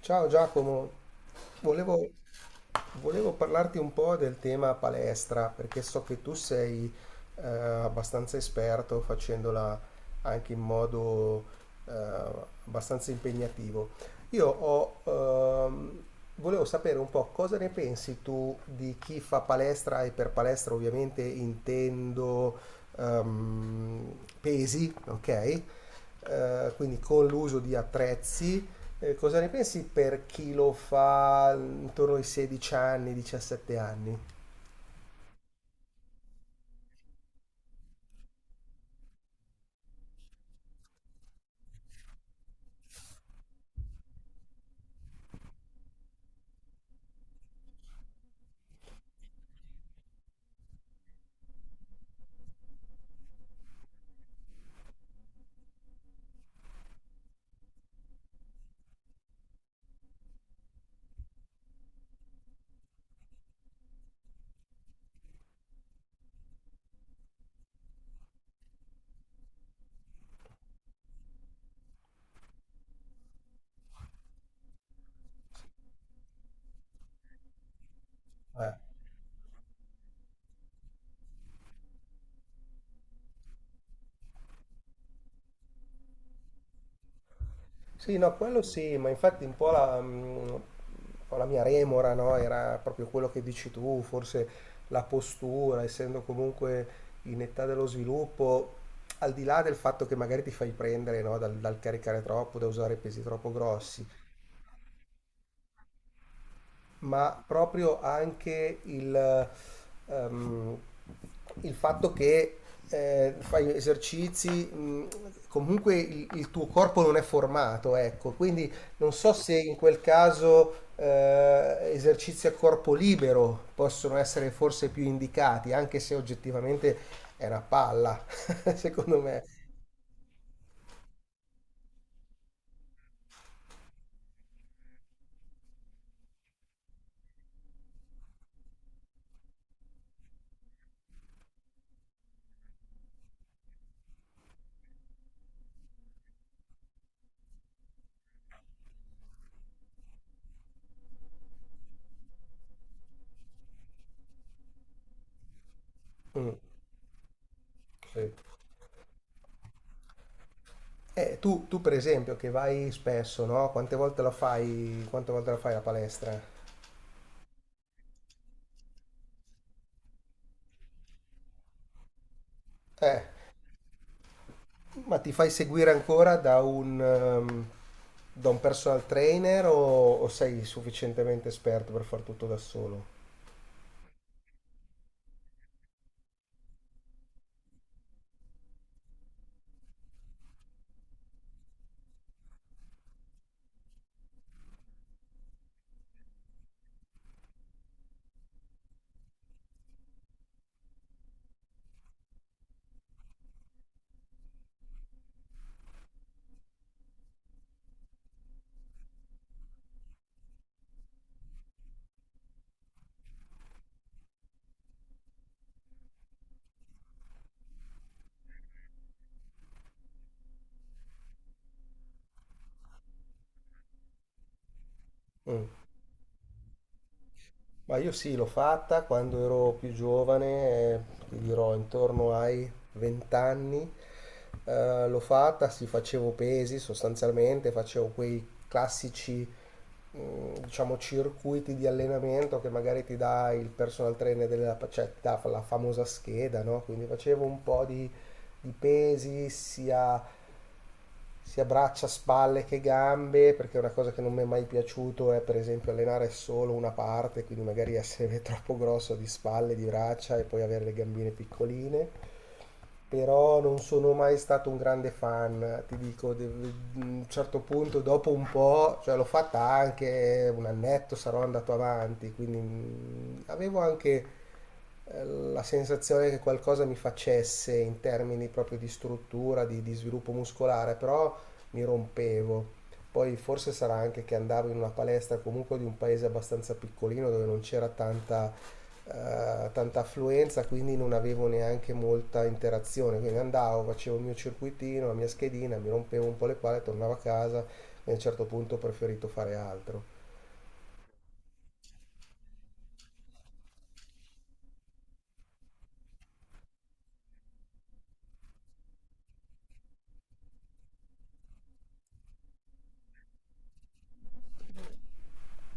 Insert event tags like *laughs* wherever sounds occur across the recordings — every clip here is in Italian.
Ciao Giacomo, volevo, volevo parlarti un po' del tema palestra, perché so che tu sei abbastanza esperto facendola anche in modo eh, abbastanza impegnativo. Io ho, ehm, Volevo sapere un po' cosa ne pensi tu di chi fa palestra, e per palestra ovviamente intendo pesi, ok? Quindi con l'uso di attrezzi. Cosa ne pensi per chi lo fa intorno ai 16 anni, 17 anni? Eh. Sì, no, quello sì, ma infatti un po' la mia remora, no? Era proprio quello che dici tu, forse la postura, essendo comunque in età dello sviluppo, al di là del fatto che magari ti fai prendere, no, dal caricare troppo, da usare pesi troppo grossi, ma proprio anche ehm, il fatto che fai esercizi, comunque il tuo corpo non è formato, ecco, quindi non so se in quel caso esercizi a corpo libero possono essere forse più indicati, anche se oggettivamente è una palla, *laughs* secondo me. Mm, sì. Tu, per esempio che vai spesso, no? Quante volte la fai la palestra? Eh. Ma ti fai seguire ancora da da un personal trainer o sei sufficientemente esperto per far tutto da solo? Mm. Ma io sì, l'ho fatta quando ero più giovane, ti dirò intorno ai 20 anni, l'ho fatta, sì, facevo pesi sostanzialmente, facevo quei classici, diciamo, circuiti di allenamento che magari ti dà il personal trainer della, cioè, ti dà la famosa scheda, no? Quindi facevo di pesi, sia braccia, spalle che gambe, perché una cosa che non mi è mai piaciuto è per esempio allenare solo una parte, quindi magari essere *laughs* troppo grosso di spalle, di braccia e poi avere le gambine piccoline. Però non sono mai stato un grande fan, ti dico, a un certo punto, dopo un po', cioè l'ho fatta anche un annetto, sarò andato avanti, quindi avevo anche la sensazione che qualcosa mi facesse in termini proprio di struttura, di sviluppo muscolare, però mi rompevo. Poi forse sarà anche che andavo in una palestra comunque di un paese abbastanza piccolino dove non c'era tanta affluenza, quindi non avevo neanche molta interazione. Quindi andavo, facevo il mio circuitino, la mia schedina, mi rompevo un po' le palle, tornavo a casa e a un certo punto ho preferito fare altro.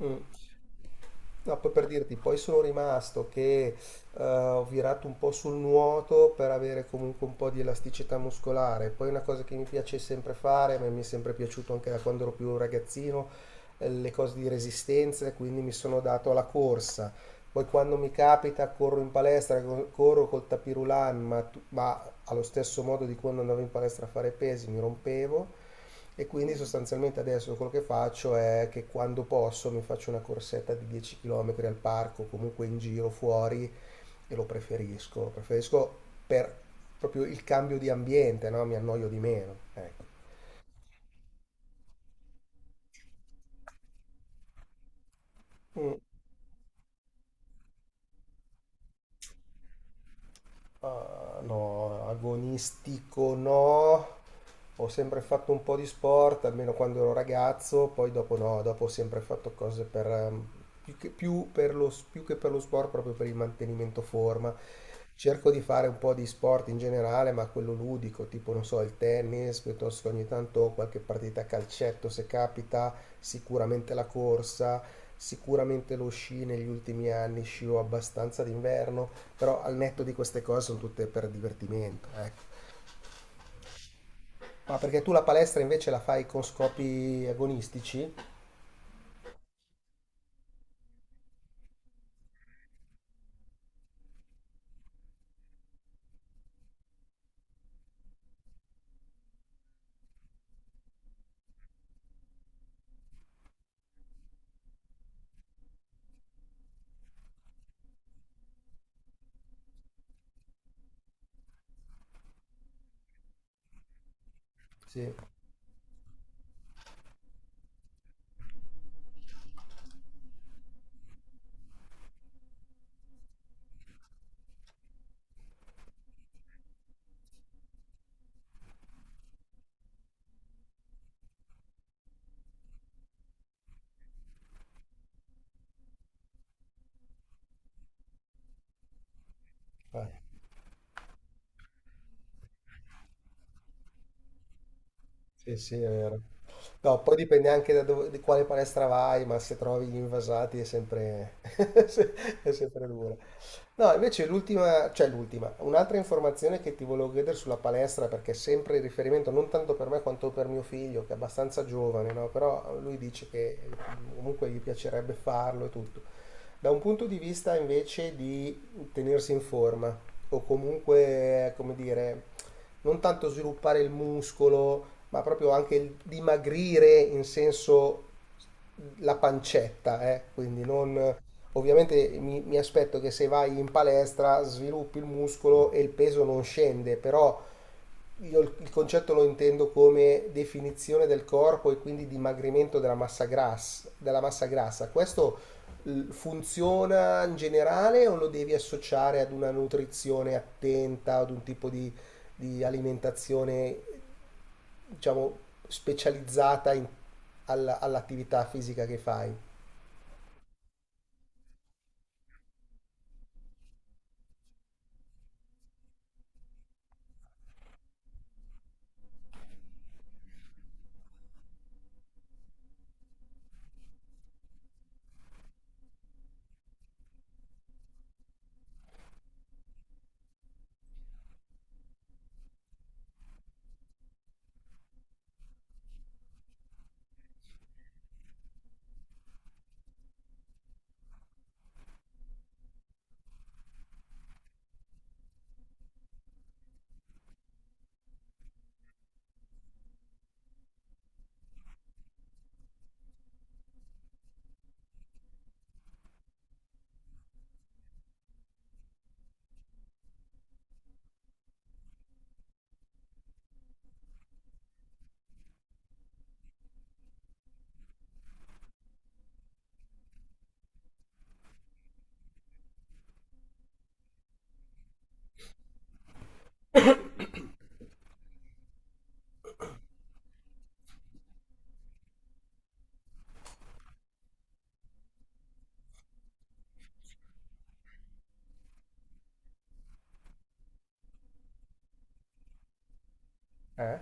Mm. No, poi per dirti, poi sono rimasto che ho virato un po' sul nuoto per avere comunque un po' di elasticità muscolare. Poi una cosa che mi piace sempre fare, ma mi è sempre piaciuto anche da quando ero più ragazzino, le cose di resistenza, e quindi mi sono dato alla corsa. Poi quando mi capita corro in palestra, corro col tapirulan, ma allo stesso modo di quando andavo in palestra a fare pesi mi rompevo. E quindi sostanzialmente adesso quello che faccio è che quando posso mi faccio una corsetta di 10 km al parco, comunque in giro fuori, e lo preferisco per proprio il cambio di ambiente, no? Mi annoio di meno. Ecco. Mm. Ah, no, agonistico no. Ho sempre fatto un po' di sport, almeno quando ero ragazzo, poi dopo no, dopo ho sempre fatto cose per, più che, più per più che per lo sport, proprio per il mantenimento forma. Cerco di fare un po' di sport in generale, ma quello ludico, tipo, non so, il tennis, piuttosto che ogni tanto qualche partita a calcetto se capita, sicuramente la corsa, sicuramente lo sci negli ultimi anni, scio abbastanza d'inverno, però al netto di queste cose sono tutte per divertimento, ecco. Ma perché tu la palestra invece la fai con scopi agonistici? Sì. Eh. Sì, sì, è vero. No, poi dipende anche da dove, di quale palestra vai, ma se trovi gli invasati è sempre, *laughs* è sempre dura. No, invece l'ultima, cioè l'ultima, un'altra informazione che ti volevo chiedere sulla palestra, perché è sempre il riferimento non tanto per me quanto per mio figlio, che è abbastanza giovane, no? Però lui dice che comunque gli piacerebbe farlo e tutto. Da un punto di vista invece di tenersi in forma, o comunque, come dire, non tanto sviluppare il muscolo, ma proprio anche il dimagrire in senso la pancetta, eh? Quindi non... Ovviamente mi aspetto che se vai in palestra sviluppi il muscolo e il peso non scende, però io il concetto lo intendo come definizione del corpo e quindi dimagrimento della massa grassa, della massa grassa. Questo funziona in generale o lo devi associare ad una nutrizione attenta, ad un tipo di alimentazione diciamo, specializzata all'attività fisica che fai. Eh?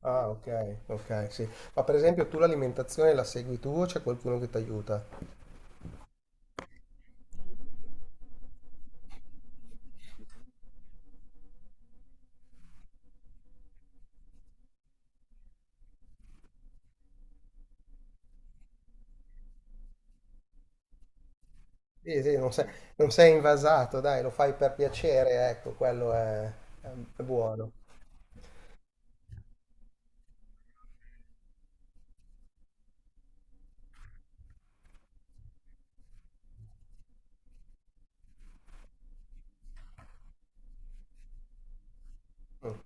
Ah, ok, ok, sì. Ma per esempio tu l'alimentazione la segui tu o c'è qualcuno che ti aiuta? Sì, sì, non sei invasato, dai, lo fai per piacere, ecco, quello è buono. Mm.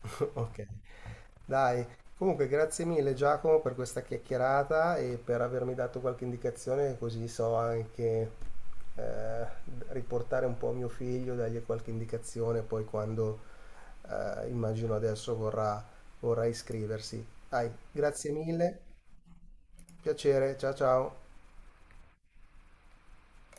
*laughs* Ok, dai. Comunque, grazie mille Giacomo per questa chiacchierata e per avermi dato qualche indicazione, così so anche eh, riportare un po' a mio figlio, dargli qualche indicazione, poi quando immagino adesso vorrà, vorrà iscriversi. Dai, grazie mille, piacere, ciao ciao.